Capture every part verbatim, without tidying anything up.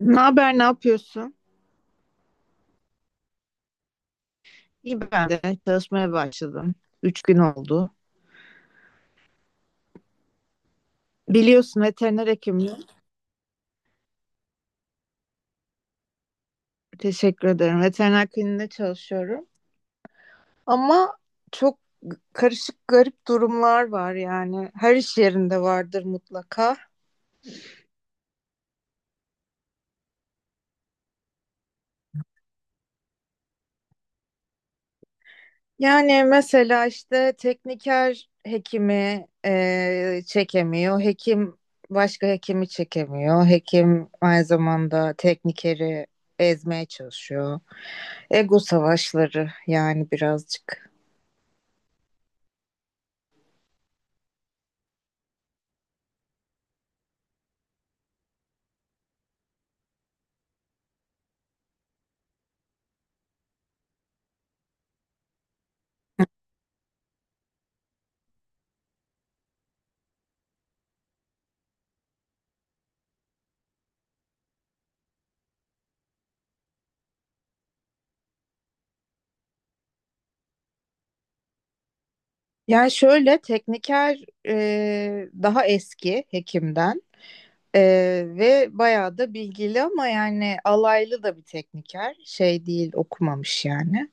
Ne haber, ne yapıyorsun? İyi, ben de çalışmaya başladım. Üç gün oldu. Biliyorsun, veteriner hekimim. Teşekkür ederim. Veteriner kliniğinde çalışıyorum. Ama çok g- karışık, garip durumlar var yani. Her iş yerinde vardır mutlaka. Yani mesela işte tekniker hekimi e, çekemiyor. Hekim başka hekimi çekemiyor. Hekim aynı zamanda teknikeri ezmeye çalışıyor. Ego savaşları yani, birazcık. Yani şöyle, tekniker e, daha eski hekimden, e, ve bayağı da bilgili ama yani alaylı da bir tekniker. Şey değil, okumamış yani.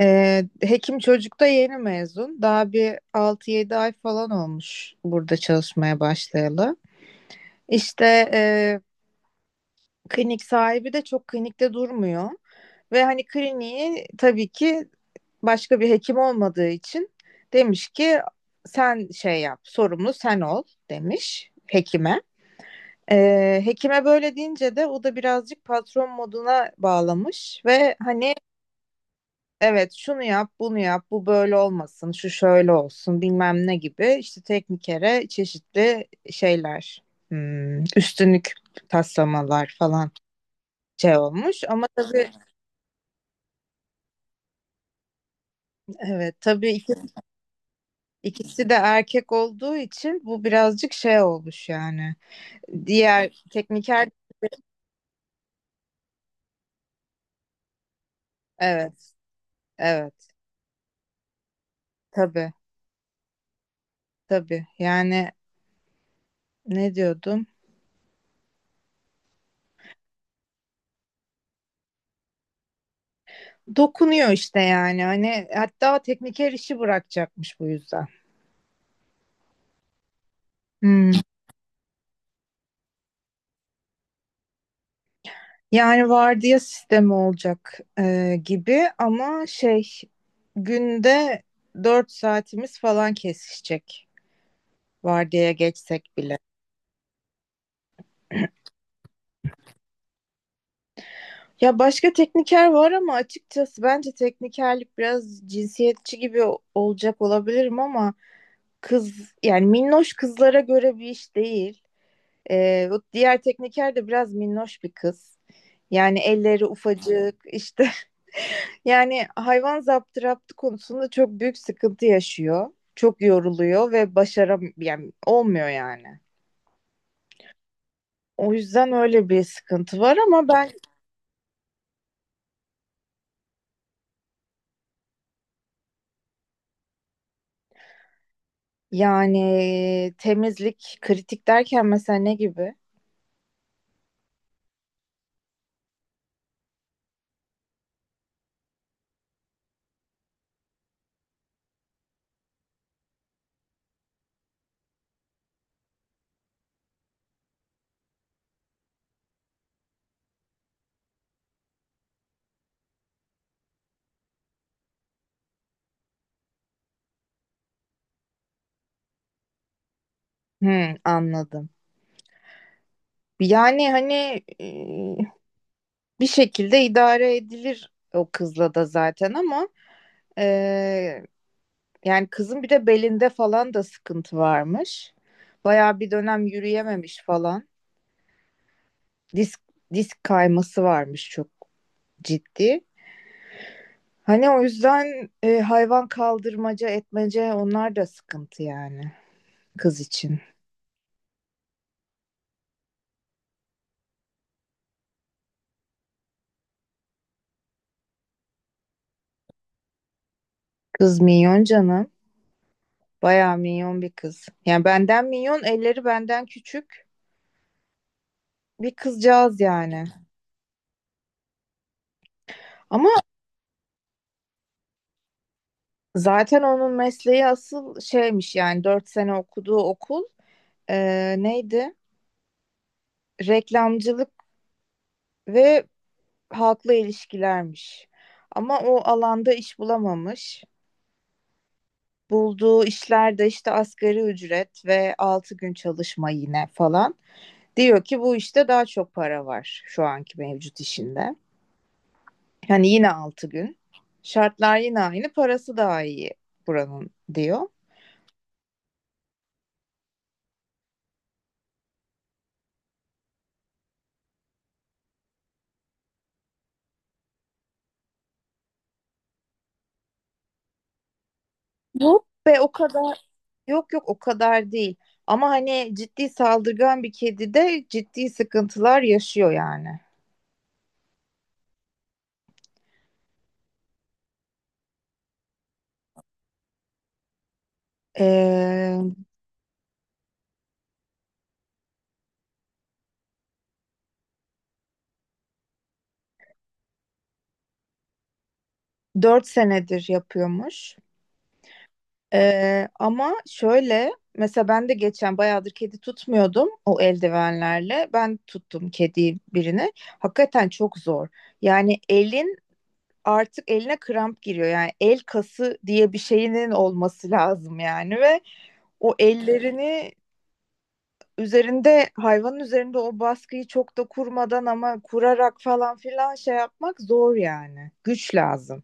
E, hekim çocuk da yeni mezun. Daha bir altı yedi ay falan olmuş burada çalışmaya başlayalı. İşte e, klinik sahibi de çok klinikte durmuyor. Ve hani kliniği, tabii ki başka bir hekim olmadığı için, demiş ki sen şey yap, sorumlu sen ol demiş hekime. Ee, hekime böyle deyince de o da birazcık patron moduna bağlamış ve hani evet şunu yap, bunu yap, bu böyle olmasın, şu şöyle olsun, bilmem ne gibi, işte teknikere çeşitli şeyler, hmm, üstünlük taslamalar falan şey olmuş ama tabii evet, tabii, ikisi de erkek olduğu için bu birazcık şey olmuş yani. Diğer tekniker, evet evet, tabii tabii yani. Ne diyordum? Dokunuyor işte yani, hani hatta tekniker işi bırakacakmış bu yüzden. Hmm. Yani vardiya sistemi olacak e, gibi ama şey, günde dört saatimiz falan kesişecek vardiyaya geçsek bile. Ya başka tekniker var ama açıkçası bence teknikerlik biraz cinsiyetçi gibi o- olacak, olabilirim ama kız yani minnoş kızlara göre bir iş değil. Ee, o diğer tekniker de biraz minnoş bir kız. Yani elleri ufacık işte, yani hayvan zaptı raptı konusunda çok büyük sıkıntı yaşıyor. Çok yoruluyor ve başaram yani, olmuyor yani. O yüzden öyle bir sıkıntı var ama ben. Yani temizlik, kritik derken mesela ne gibi? Hmm, anladım. Yani hani e, bir şekilde idare edilir o kızla da zaten ama e, yani kızın bir de belinde falan da sıkıntı varmış. Bayağı bir dönem yürüyememiş falan. Disk disk kayması varmış, çok ciddi. Hani o yüzden e, hayvan kaldırmaca etmece, onlar da sıkıntı yani kız için. Kız minyon canım. Bayağı minyon bir kız. Yani benden minyon, elleri benden küçük bir kızcağız yani. Ama zaten onun mesleği asıl şeymiş yani, dört sene okuduğu okul eee, neydi? Reklamcılık ve halkla ilişkilermiş. Ama o alanda iş bulamamış. Bulduğu işlerde işte asgari ücret ve altı gün çalışma yine falan. Diyor ki bu işte daha çok para var şu anki mevcut işinde. Yani yine altı gün. Şartlar yine aynı, parası daha iyi buranın diyor. Yok be, o kadar, yok yok, o kadar değil. Ama hani ciddi saldırgan bir kedi de ciddi sıkıntılar yaşıyor yani. Ee, dört senedir yapıyormuş. Ee, ama şöyle mesela ben de geçen bayağıdır kedi tutmuyordum o eldivenlerle. Ben tuttum kedi birini. Hakikaten çok zor. Yani elin, artık eline kramp giriyor. Yani el kası diye bir şeyinin olması lazım yani, ve o ellerini, üzerinde hayvanın üzerinde o baskıyı çok da kurmadan ama kurarak falan filan şey yapmak zor yani. Güç lazım.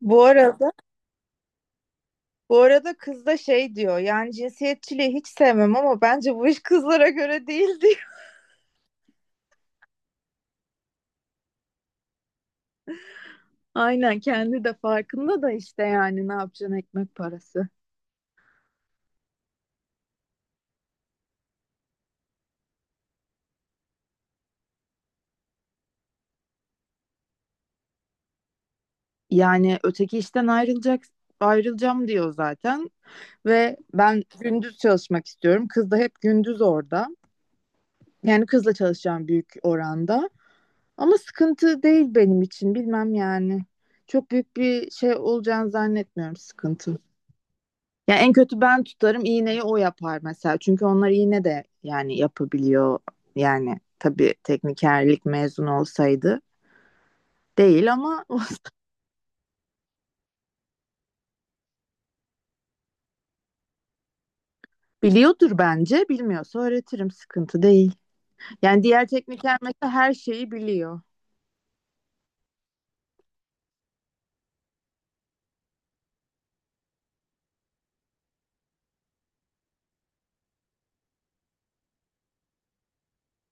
Bu arada bu arada kız da şey diyor, yani cinsiyetçiliği hiç sevmem ama bence bu iş kızlara göre değil, diyor. Aynen, kendi de farkında da işte yani, ne yapacaksın, ekmek parası. Yani öteki işten ayrılacak ayrılacağım diyor zaten. Ve ben gündüz çalışmak istiyorum. Kız da hep gündüz orada. Yani kızla çalışacağım büyük oranda. Ama sıkıntı değil benim için, bilmem yani. Çok büyük bir şey olacağını zannetmiyorum, sıkıntı. Yani en kötü ben tutarım iğneyi, o yapar mesela. Çünkü onlar iğne de yani yapabiliyor. Yani tabii teknikerlik mezun olsaydı değil ama biliyordur bence. Bilmiyorsa öğretirim, sıkıntı değil. Yani diğer tekniker mesela her şeyi biliyor.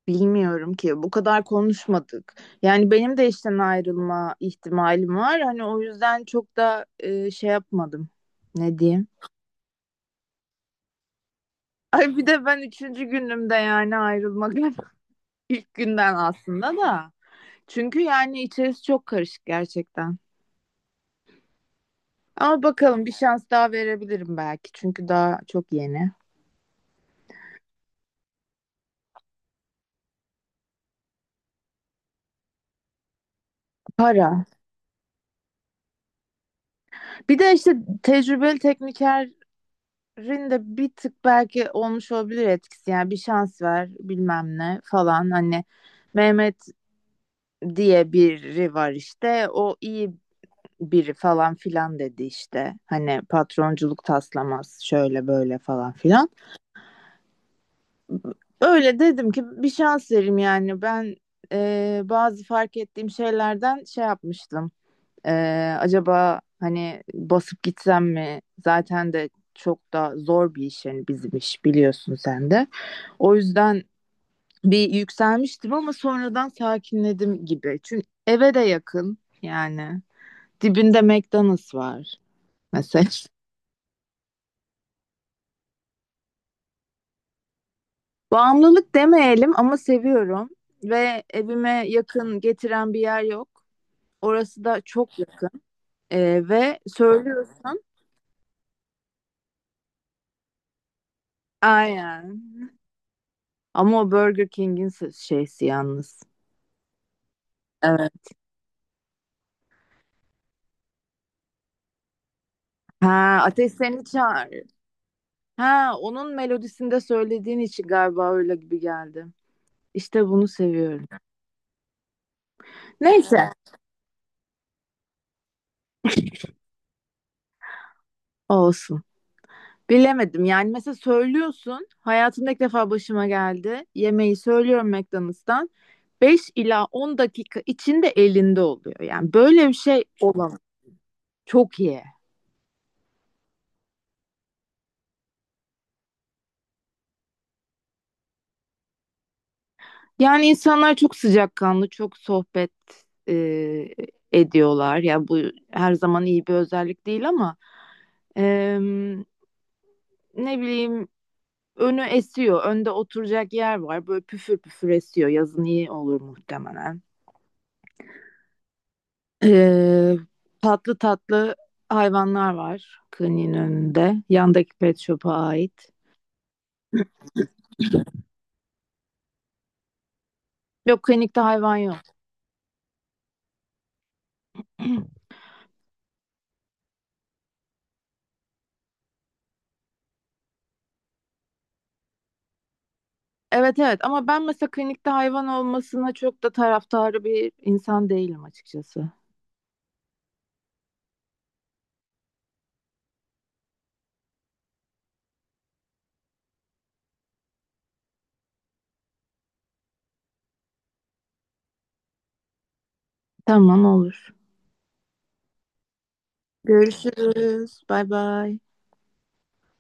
Bilmiyorum ki, bu kadar konuşmadık. Yani benim de işten ayrılma ihtimalim var. Hani o yüzden çok da e, şey yapmadım. Ne diyeyim? Ay bir de ben üçüncü günümde, yani ayrılmak ilk günden aslında da. Çünkü yani içerisi çok karışık gerçekten. Ama bakalım, bir şans daha verebilirim belki. Çünkü daha çok yeni. Para. Bir de işte tecrübeli tekniker Rinde bir tık belki olmuş olabilir etkisi yani, bir şans ver bilmem ne falan, hani Mehmet diye biri var işte, o iyi biri falan filan dedi işte, hani patronculuk taslamaz şöyle böyle falan filan, öyle dedim ki bir şans verim yani, ben e, bazı fark ettiğim şeylerden şey yapmıştım. E, acaba hani basıp gitsem mi, zaten de çok da zor bir iş yani bizim iş, biliyorsun sen de. O yüzden bir yükselmiştim ama sonradan sakinledim gibi. Çünkü eve de yakın yani. Dibinde McDonald's var mesela. Bağımlılık demeyelim ama seviyorum ve evime yakın getiren bir yer yok. Orası da çok yakın. Ee, ve söylüyorsun. Aynen. Ama o Burger King'in se- şeysi yalnız. Evet. Ha, Ateş Seni Çağırır. Ha, onun melodisinde söylediğin için galiba öyle gibi geldi. İşte bunu seviyorum. Neyse, olsun. Bilemedim yani, mesela söylüyorsun hayatımda ilk defa başıma geldi, yemeği söylüyorum McDonald's'tan beş ila on dakika içinde elinde oluyor, yani böyle bir şey olamaz. Çok iyi. Yani insanlar çok sıcakkanlı, çok sohbet e, ediyorlar ya, bu her zaman iyi bir özellik değil ama e, ne bileyim, önü esiyor, önde oturacak yer var, böyle püfür püfür esiyor, yazın iyi olur muhtemelen. Ee, tatlı tatlı hayvanlar var kliniğin önünde. Yandaki pet shop'a ait. Yok, klinikte hayvan yok. Evet evet, ama ben mesela klinikte hayvan olmasına çok da taraftarı bir insan değilim açıkçası. Tamam, olur. Görüşürüz. Bay bay.